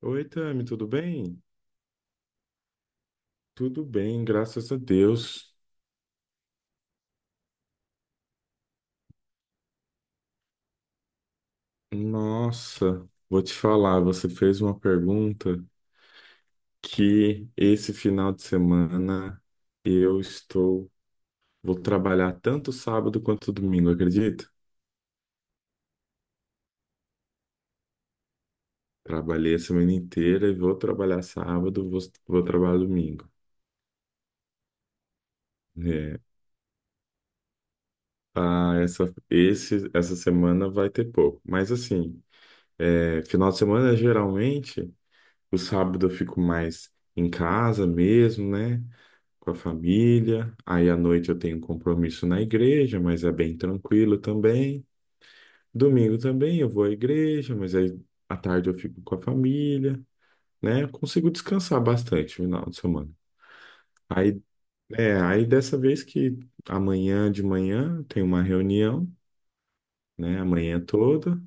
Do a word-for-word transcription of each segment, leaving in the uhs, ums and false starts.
Oi, Tami, tudo bem? Tudo bem, graças a Deus. Nossa, vou te falar, você fez uma pergunta que esse final de semana eu estou, vou trabalhar tanto sábado quanto domingo, acredita? Trabalhei a semana inteira e vou trabalhar sábado, vou, vou trabalhar domingo. É, ah, essa, esse, essa semana vai ter pouco, mas assim, é, final de semana geralmente. O sábado eu fico mais em casa mesmo, né? Com a família. Aí à noite eu tenho um compromisso na igreja, mas é bem tranquilo também. Domingo também eu vou à igreja, mas aí à tarde eu fico com a família, né? Eu consigo descansar bastante no final de semana. Aí, é, aí dessa vez que amanhã de manhã tem uma reunião, né? Amanhã toda.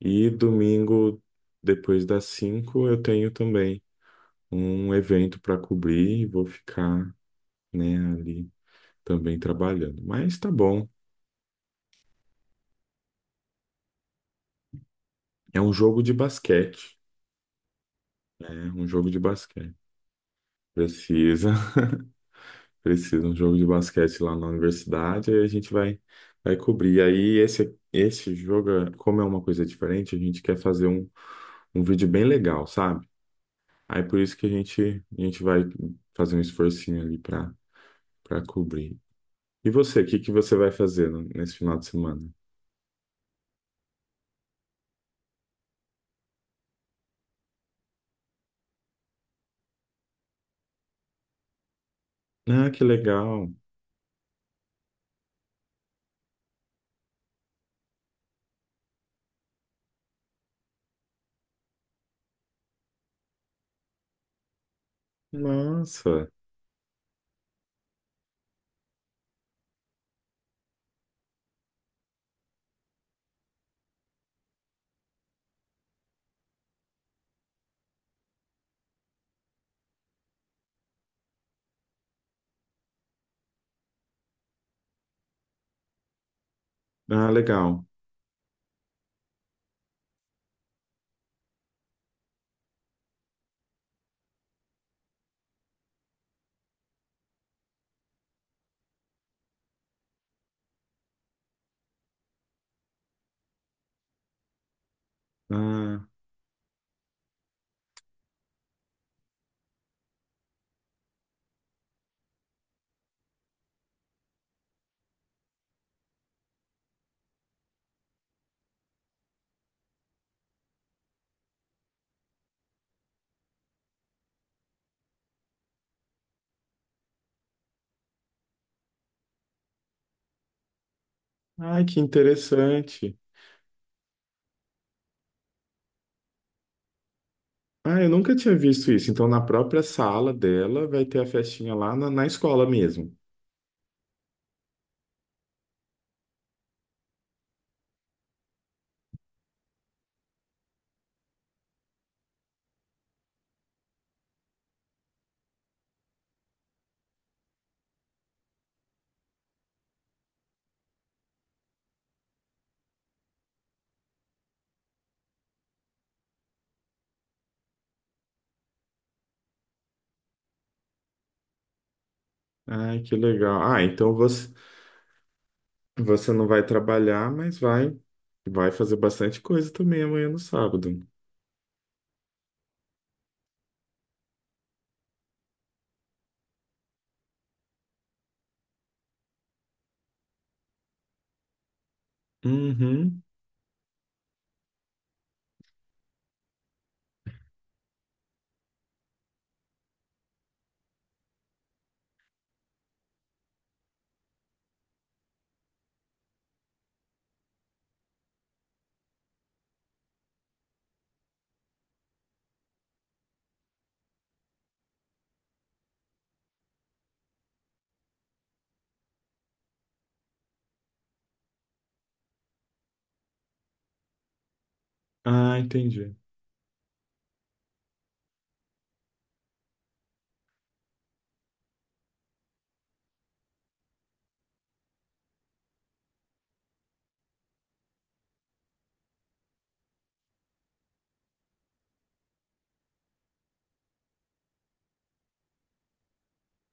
E domingo, depois das cinco, eu tenho também um evento para cobrir e vou ficar, né, ali também trabalhando. Mas tá bom. É um jogo de basquete, né? Um jogo de basquete. Precisa, precisa, um jogo de basquete lá na universidade, aí a gente vai vai cobrir. Aí esse esse jogo, como é uma coisa diferente, a gente quer fazer um, um vídeo bem legal, sabe? Aí por isso que a gente a gente vai fazer um esforcinho ali para, para cobrir. E você, o que que você vai fazer no- nesse final de semana? Ah, que legal. Nossa. Ah, legal. Ah, ai, que interessante. Ah, eu nunca tinha visto isso. Então, na própria sala dela, vai ter a festinha lá na, na escola mesmo. Ai, que legal. Ah, então você, você não vai trabalhar, mas vai, vai fazer bastante coisa também amanhã no sábado. Uhum. Ah, entendi.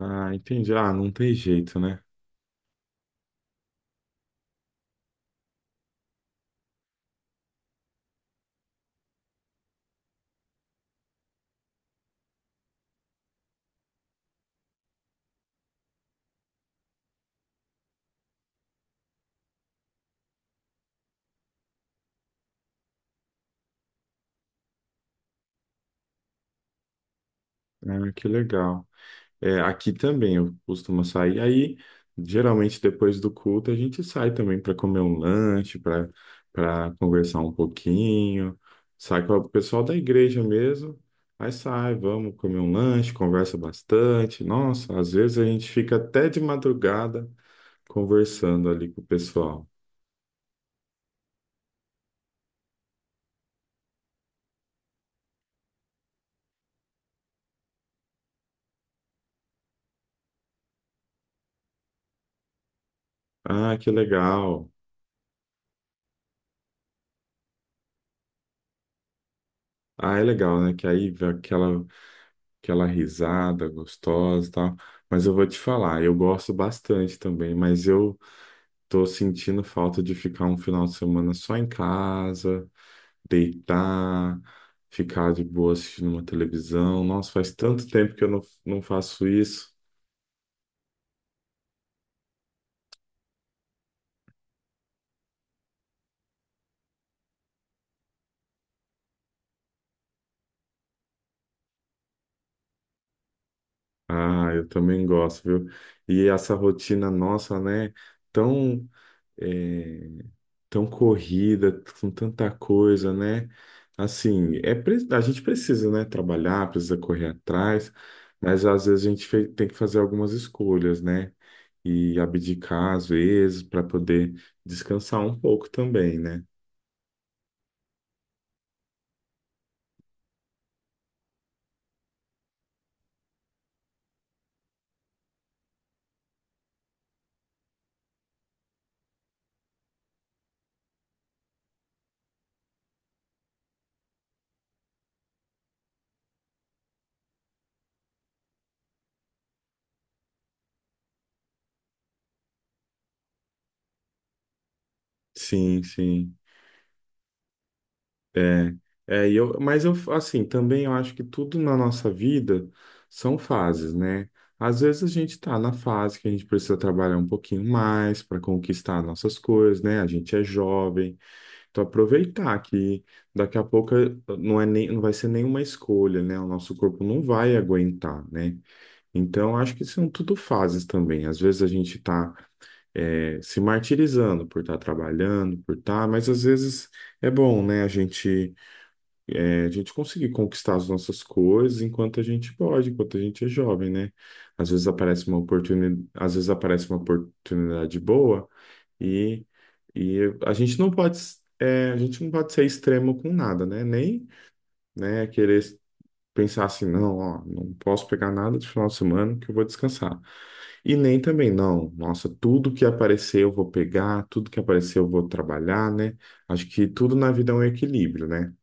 Ah, entendi. Ah, não tem jeito, né? Ah, que legal. É, aqui também eu costumo sair. Aí, geralmente, depois do culto, a gente sai também para comer um lanche, para, para conversar um pouquinho. Sai com o pessoal da igreja mesmo. Aí sai, vamos comer um lanche, conversa bastante. Nossa, às vezes a gente fica até de madrugada conversando ali com o pessoal. Ah, que legal. Ah, é legal, né? Que aí vem aquela, aquela risada gostosa e tal. Mas eu vou te falar, eu gosto bastante também, mas eu tô sentindo falta de ficar um final de semana só em casa, deitar, ficar de boa assistindo uma televisão. Nossa, faz tanto tempo que eu não, não faço isso. Ah, eu também gosto, viu? E essa rotina nossa, né? Tão, é, tão corrida, com tanta coisa, né? Assim, é, pre- a gente precisa, né? Trabalhar, precisa correr atrás, mas às vezes a gente fe- tem que fazer algumas escolhas, né? E abdicar às vezes para poder descansar um pouco também, né? Sim, sim. É, é, e eu, mas eu, assim, também eu acho que tudo na nossa vida são fases, né? Às vezes a gente tá na fase que a gente precisa trabalhar um pouquinho mais para conquistar nossas coisas, né? A gente é jovem, então aproveitar que daqui a pouco eh, não é nem, não vai ser nenhuma escolha, né? O nosso corpo não vai aguentar, né? Então acho que são tudo fases também. Às vezes a gente tá é, se martirizando por estar trabalhando, por estar, mas às vezes é bom, né? A gente, é, a gente conseguir conquistar as nossas coisas enquanto a gente pode, enquanto a gente é jovem, né? Às vezes aparece uma oportunidade, às vezes aparece uma oportunidade boa e, e a gente não pode, é, a gente não pode ser extremo com nada, né? Nem, né, querer pensar assim, não, ó, não posso pegar nada de final de semana que eu vou descansar. E nem também, não, nossa, tudo que aparecer eu vou pegar, tudo que aparecer eu vou trabalhar, né? Acho que tudo na vida é um equilíbrio, né?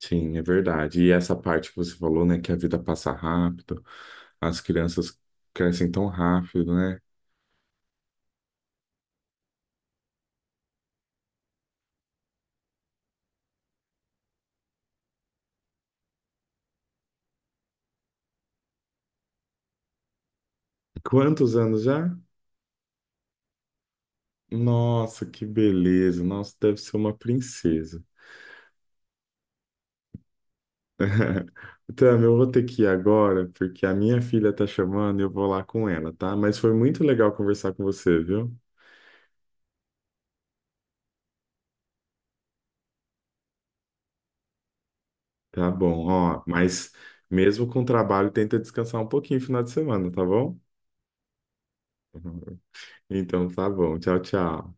Sim, é verdade. E essa parte que você falou, né, que a vida passa rápido, as crianças crescem tão rápido, né? Quantos anos já? Nossa, que beleza! Nossa, deve ser uma princesa. Tam, eu vou ter que ir agora, porque a minha filha tá chamando e eu vou lá com ela, tá? Mas foi muito legal conversar com você, viu? Tá bom, ó. Mas mesmo com o trabalho, tenta descansar um pouquinho no final de semana, tá bom? Então tá bom. Tchau, tchau.